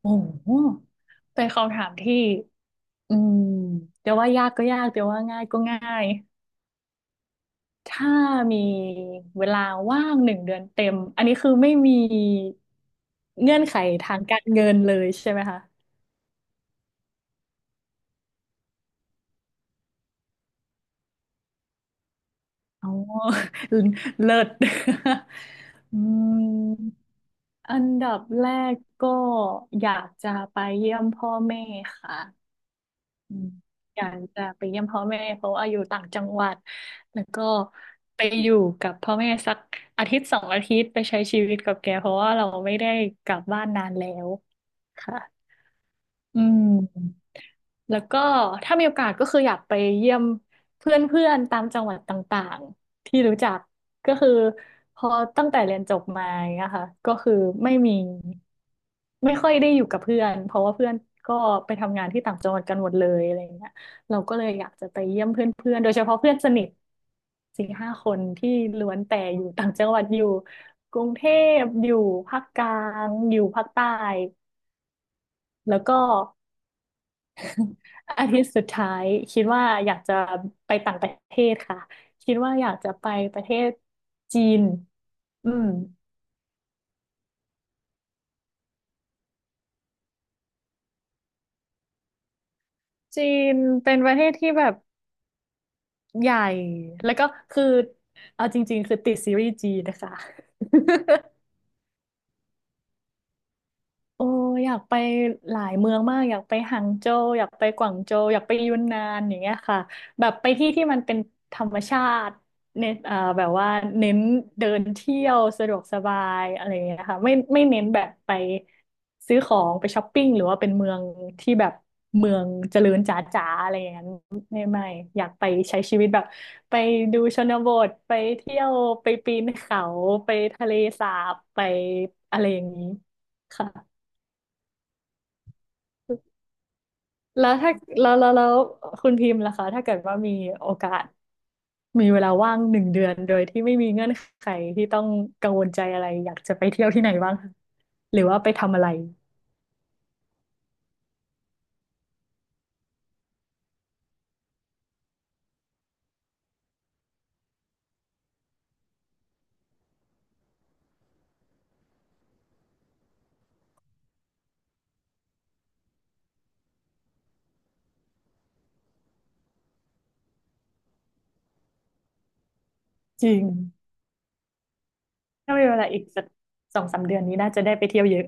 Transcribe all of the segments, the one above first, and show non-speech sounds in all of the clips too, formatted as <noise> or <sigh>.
โอ้โหเป็นคำถามที่อืมเดี๋ยวว่ายากก็ยากเดี๋ยวว่าง่ายก็ง่าย ถ้ามีเวลาว่างหนึ่งเดือนเต็ม อันนี้คือไม่มีเงื่อนไขทางการเงินเลยใช่ไหมคะอ๋อ <laughs> เลิศ <laughs> อืมอันดับแรกก็อยากจะไปเยี่ยมพ่อแม่ค่ะ อืมอยากจะไปเยี่ยมพ่อแม่เพราะว่าอยู่ต่างจังหวัดแล้วก็ไปอยู่กับพ่อแม่สักอาทิตย์2 อาทิตย์ไปใช้ชีวิตกับแกเพราะว่าเราไม่ได้กลับบ้านนานแล้วค่ะอืม แล้วก็ถ้ามีโอกาสก็คืออยากไปเยี่ยมเพื่อนๆตามจังหวัดต่างๆที่รู้จักก็คือพอตั้งแต่เรียนจบมาอย่างเงี้ยค่ะก็คือไม่มีไม่ค่อยได้อยู่กับเพื่อนเพราะว่าเพื่อนก็ไปทำงานที่ต่างจังหวัดกันหมดเลยอะไรอย่างเงี้ยเราก็เลยอยากจะไปเยี่ยมเพื่อนๆโดยเฉพาะเพื่อนสนิท4-5 คนที่ล้วนแต่อยู่ต่างจังหวัดอยู่กรุงเทพอยู่ภาคกลางอยู่ภาคใต้แล้วก็ อาทิตย์สุดท้ายคิดว่าอยากจะไปต่างประเทศค่ะคิดว่าอยากจะไปประเทศจีนอืมจีนเป็นประเทศที่แบบใหญ่แล้วก็คือเอาจริงๆคือติดซีรีส์จีนนะคะ <laughs> โอ้อยากไปหลายเมืองมากอยากไปหางโจวอยากไปกวางโจวอยากไปยุนนานอย่างเงี้ยค่ะแบบไปที่ที่มันเป็นธรรมชาติเน้นอ่าแบบว่าเน้นเดินเที่ยวสะดวกสบายอะไรอย่างเงี้ยค่ะไม่เน้นแบบไปซื้อของไปช้อปปิ้งหรือว่าเป็นเมืองที่แบบเมืองเจริญจ๋าๆอะไรอย่างนั้นไม่อยากไปใช้ชีวิตแบบไปดูชนบทไปเที่ยวไปปีนเขาไปทะเลสาบไปอะไรอย่างนี้ค่ะ แล้วถ้าแล้วแล้วแล้วคุณพิมพ์ล่ะคะถ้าเกิดว่ามีโอกาสมีเวลาว่างหนึ่งเดือนโดยที่ไม่มีเงื่อนไขที่ต้องกังวลใจอะไรอยากจะไปเที่ยวที่ไหนบ้างคะหรือว่าไปทำอะไรจริงถ้ามีเวลาอีกสัก2-3 เดือนนี้น่าจะได้ไปเที่ยวเยอะ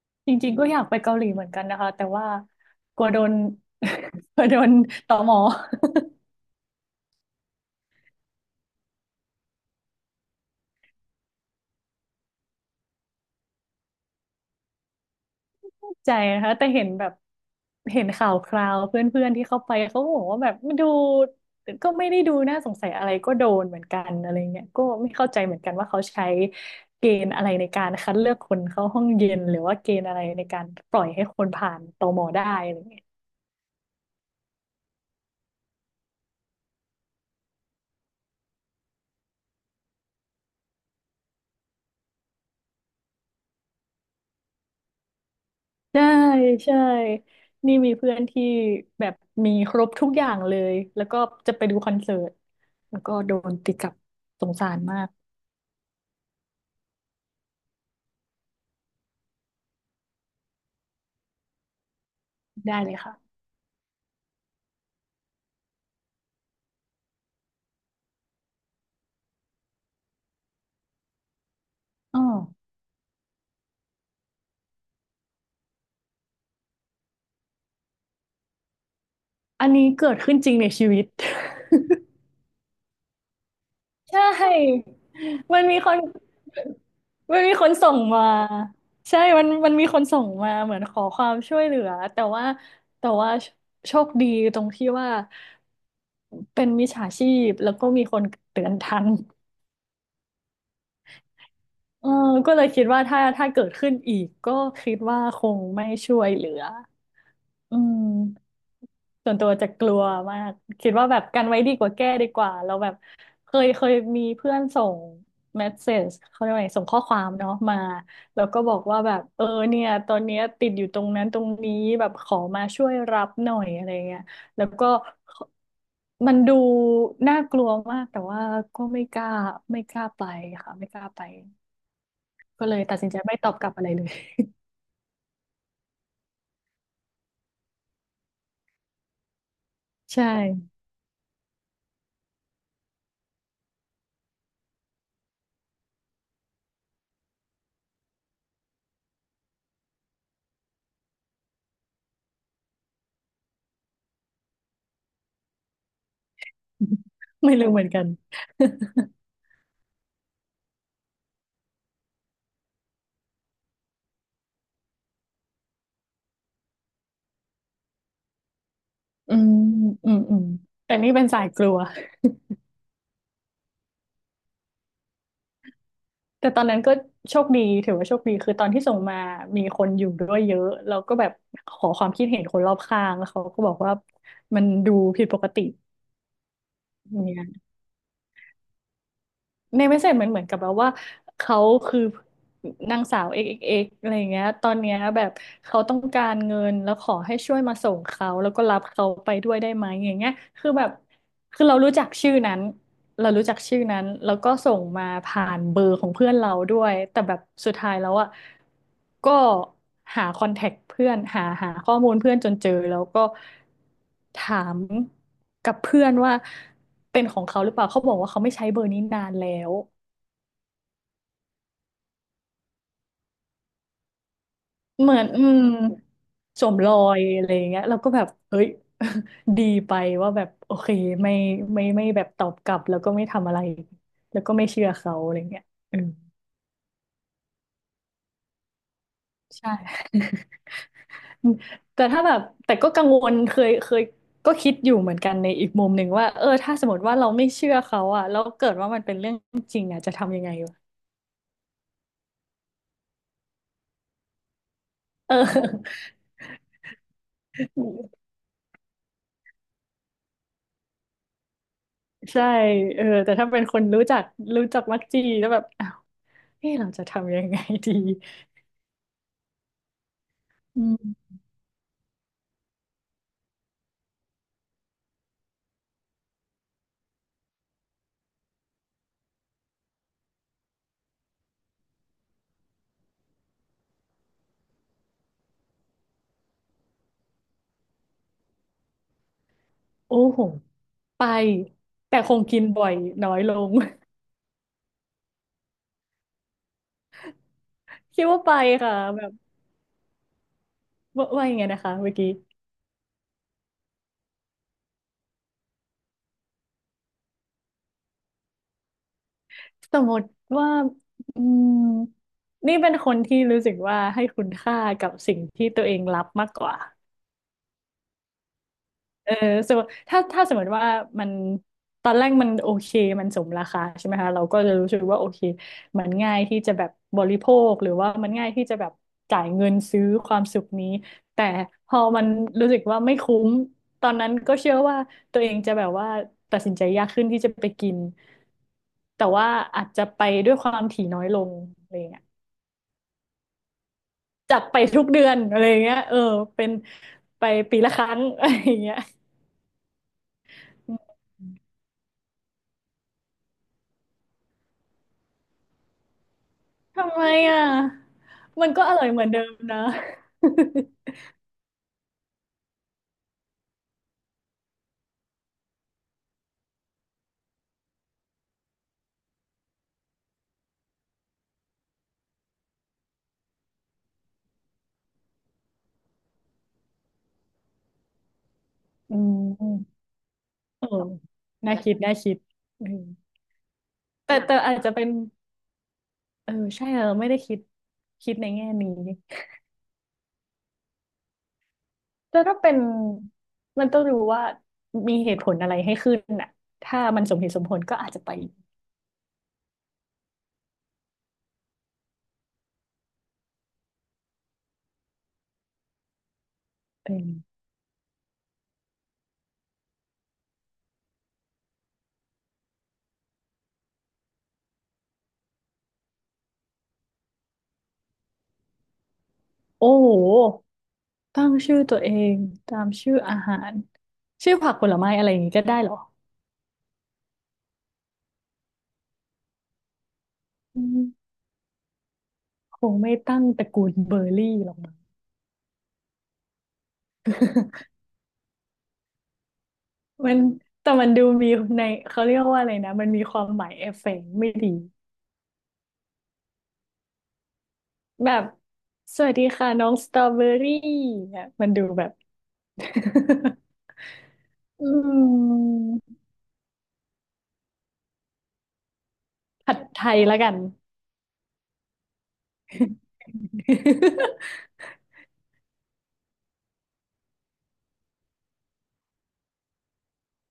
<laughs> จริงๆก็อยากไปเกาหลีเหมือนกันนะคะแต่ว่ากลัวโดน <laughs> กลัวโดนตม ใจนะคะแต่เห็นแบบเห็นข่าวคราวเพื่อนๆที่เข้าไปเขาก็บอกว่าแบบมันดูก็ไม่ได้ดูน่าสงสัยอะไรก็โดนเหมือนกันอะไรเงี้ยก็ไม่เข้าใจเหมือนกันว่าเขาใช้เกณฑ์อะไรในการคัดเลือกคนเข้าห้องเย็นหรือว่าเกณฑ์อะไรในการปล่อยให้คนผ่านตมได้อะไรเงี้ยใช่ใช่นี่มีเพื่อนที่แบบมีครบทุกอย่างเลยแล้วก็จะไปดูคอนเสิร์ตแล้วก็โดนตีกลับสงสารมากได้เลยค่ะอ๋อ อันนี้เกิดขึ้นจริงในชีวิต <laughs> ใช่มันมีคนมันมีคนส่งมาใช่มันมีคนส่งมาเหมือนขอความช่วยเหลือแต่ว่าโชคดีตรงที่ว่าเป็นมิจฉาชีพแล้วก็มีคนเตือนทันเออก็เลยคิดว่าถ้าเกิดขึ้นอีกก็คิดว่าคงไม่ช่วยเหลืออืม ส่วนตัวจะกลัวมากคิดว่าแบบกันไว้ดีกว่าแก้ดีกว่าเราแบบเคยมีเพื่อนส่งเมสเซจเขาเรียกว่าไงส่งข้อความเนาะมาแล้วก็บอกว่าแบบเออเนี่ยตอนเนี้ยติดอยู่ตรงนั้นตรงนี้แบบขอมาช่วยรับหน่อยอะไรเงี้ยแล้วก็มันดูน่ากลัวมากแต่ว่าก็ไม่กล้าไม่กล้าไปค่ะไม่กล้าไปก็เลยตัดสินใจไม่ตอบกลับอะไรเลย <laughs> ใช่ <laughs> ไม่รู้เหมือนกัน อืมอืมอืมแต่นี่เป็นสายกลัวแต่ตอนนั้นก็โชคดีถือว่าโชคดีคือตอนที่ส่งมามีคนอยู่ด้วยเยอะแล้วก็แบบขอความคิดเห็นคนรอบข้างแล้วเขาก็บอกว่ามันดูผิดปกติเนี่ยในเมสเซจมันเหมือนกับแบบว่าเขาคือนางสาว xxx อกซ์เอ็กซ์เอ็กซ์อะไรอย่างเงี้ยตอนเนี้ยแบบเขาต้องการเงินแล้วขอให้ช่วยมาส่งเขาแล้วก็รับเขาไปด้วยได้ไหมอย่างเงี้ยคือแบบ คือเรารู้จักชื่อนั้นเรารู้จักชื่อนั้นแล้วก็ส่งมาผ่านเบอร์ของเพื่อนเราด้วยแต่แบบสุดท้ายแล้วอ่ะก็หาคอนแทคเพื่อนหาข้อมูลเพื่อนจนเจอแล้วก็ถามกับเพื่อนว่าเป็นของเขาหรือเปล่าเขาบอกว่าเขาไม่ใช้เบอร์นี้นานแล้ว เหมือนสวมรอยอะไรอย่างเงี้ยเราก็แบบเฮ้ย <laughs> ดีไปว่าแบบโอเคไม่ไม่ไม่แบบตอบกลับแล้วก็ไม่ทำอะไรแล้วก็ไม่เชื่อเขาอะไรเงี้ยเออใช่ <laughs> แต่ถ้าแบบแต่ก็กังวลเคยก็คิดอยู่เหมือนกันในอีกมุมหนึ่งว่าเออถ้าสมมติว่าเราไม่เชื่อเขาอะแล้วเกิดว่ามันเป็นเรื่องจริงอะจะทำยังไงวะเออ <laughs> ใช่เออแต่ถ้าเป็นคนรู้จักรู้จักมักจีแล้วแบบอ้าวเออเราจะทำยังไงดีอืม โอ้โห ไปแต่คงกินบ่อยน้อยลง <laughs> คิดว่าไปค่ะแบบว่าว่ายังไงนะคะเมื่อกี้สมมติว่าอืมนี่เป็นคนที่รู้สึกว่าให้คุณค่ากับสิ่งที่ตัวเองรับมากกว่า เออสมมติถ้าสมมติว่ามันตอนแรกมันโอเคมันสมราคาใช่ไหมคะเราก็จะรู้สึกว่าโอเคมันง่ายที่จะแบบบริโภคหรือว่ามันง่ายที่จะแบบจ่ายเงินซื้อความสุขนี้ แต่พอมันรู้สึกว่าไม่คุ้มตอนนั้นก็เชื่อว่าตัวเองจะแบบว่าตัดสินใจยากขึ้นที่จะไปกินแต่ว่าอาจจะไปด้วยความถี่น้อยลงอะไรเงี้ยจากไปทุกเดือนอะไรเงี้ยเออเป็นไปปีละครั้งอะไรเงี้ย ทำไมอ่ะ มันก็อร่อยเหมือนเดิมนะอืมเออน่าคิด น่าคิดเออแต่แต่อาจจะเป็น เออ ใช่เราไม่ได้คิดในแง่นี้ แต่ถ้าเป็น มันต้องรู้ว่ามีเหตุผลอะไรให้ขึ้นน่ะถ้ามันสมเหตุสมผลก็อาจจะไปเออโอ้โหตั้งชื่อตัวเองตามชื่ออาหารชื่อผักผลไม้อะไรอย่างนี้ก็ได้เหรออืมคงไม่ตั้งตระกูลเบอร์รี่หรอก มันแต่มันดูมีในเขาเรียกว่าอะไรนะมันมีความหมายเอฟเฟกต์ไม่ดีแบบสวัสดีค่ะน้องสตรอเบอรี่เนี่ยมันดูแบบ <laughs> อืมผัดไทยแล้วกัน <laughs>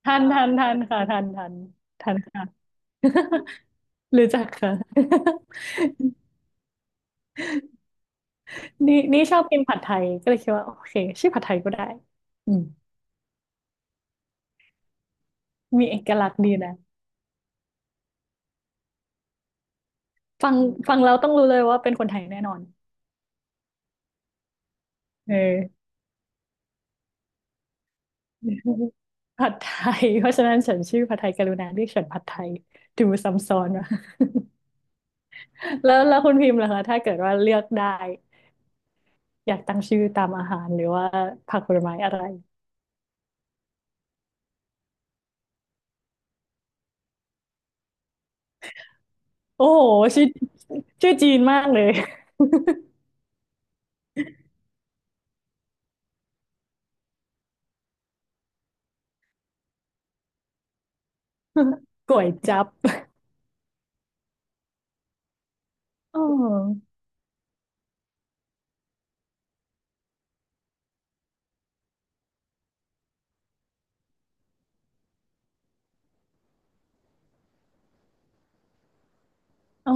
ทันทันทันค่ะทันทันทันค่ะ <laughs> รู้จักค่ะ <laughs> นี่ชอบกินผัดไทยก็เลยคิดว่าโอเคชื่อผัดไทยก็ได้อืมมีเอกลักษณ์ดีนะฟังฟังแล้วต้องรู้เลยว่าเป็นคนไทยแน่นอน เออ <laughs> ผัดไทยเพราะฉะนั้นฉันชื่อผัดไทยกรุณาเรียกฉันผัดไทยดูซ้ำซ้อนว่ะ <laughs> แล้วคุณพิมพ์ล่ะคะถ้าเกิดว่าเลือกได้อยากตั้งชื่อตามอาหารหรือว่าผักผลไม้อะไรโอ้โหชื่อจีนมากเลย <laughs> ก๋วยจั๊บอ๋ออ๋อ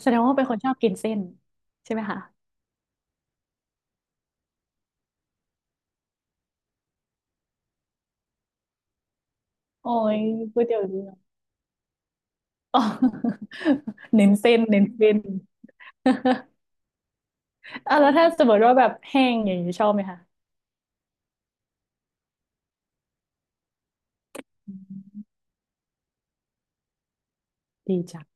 แสดงว่าเป็นคนชอบกินเส้นใช่ไหมคะโอ้ยก๋วยเตี๋ยวเรือ <laughs> อ๋อ <laughs> เน้นเส้นเน้นเส้น <laughs> อ่ะแล้วถ้าสมมติว่าแบบแห้งอย่างนี้ชอบไหมคะดีจัง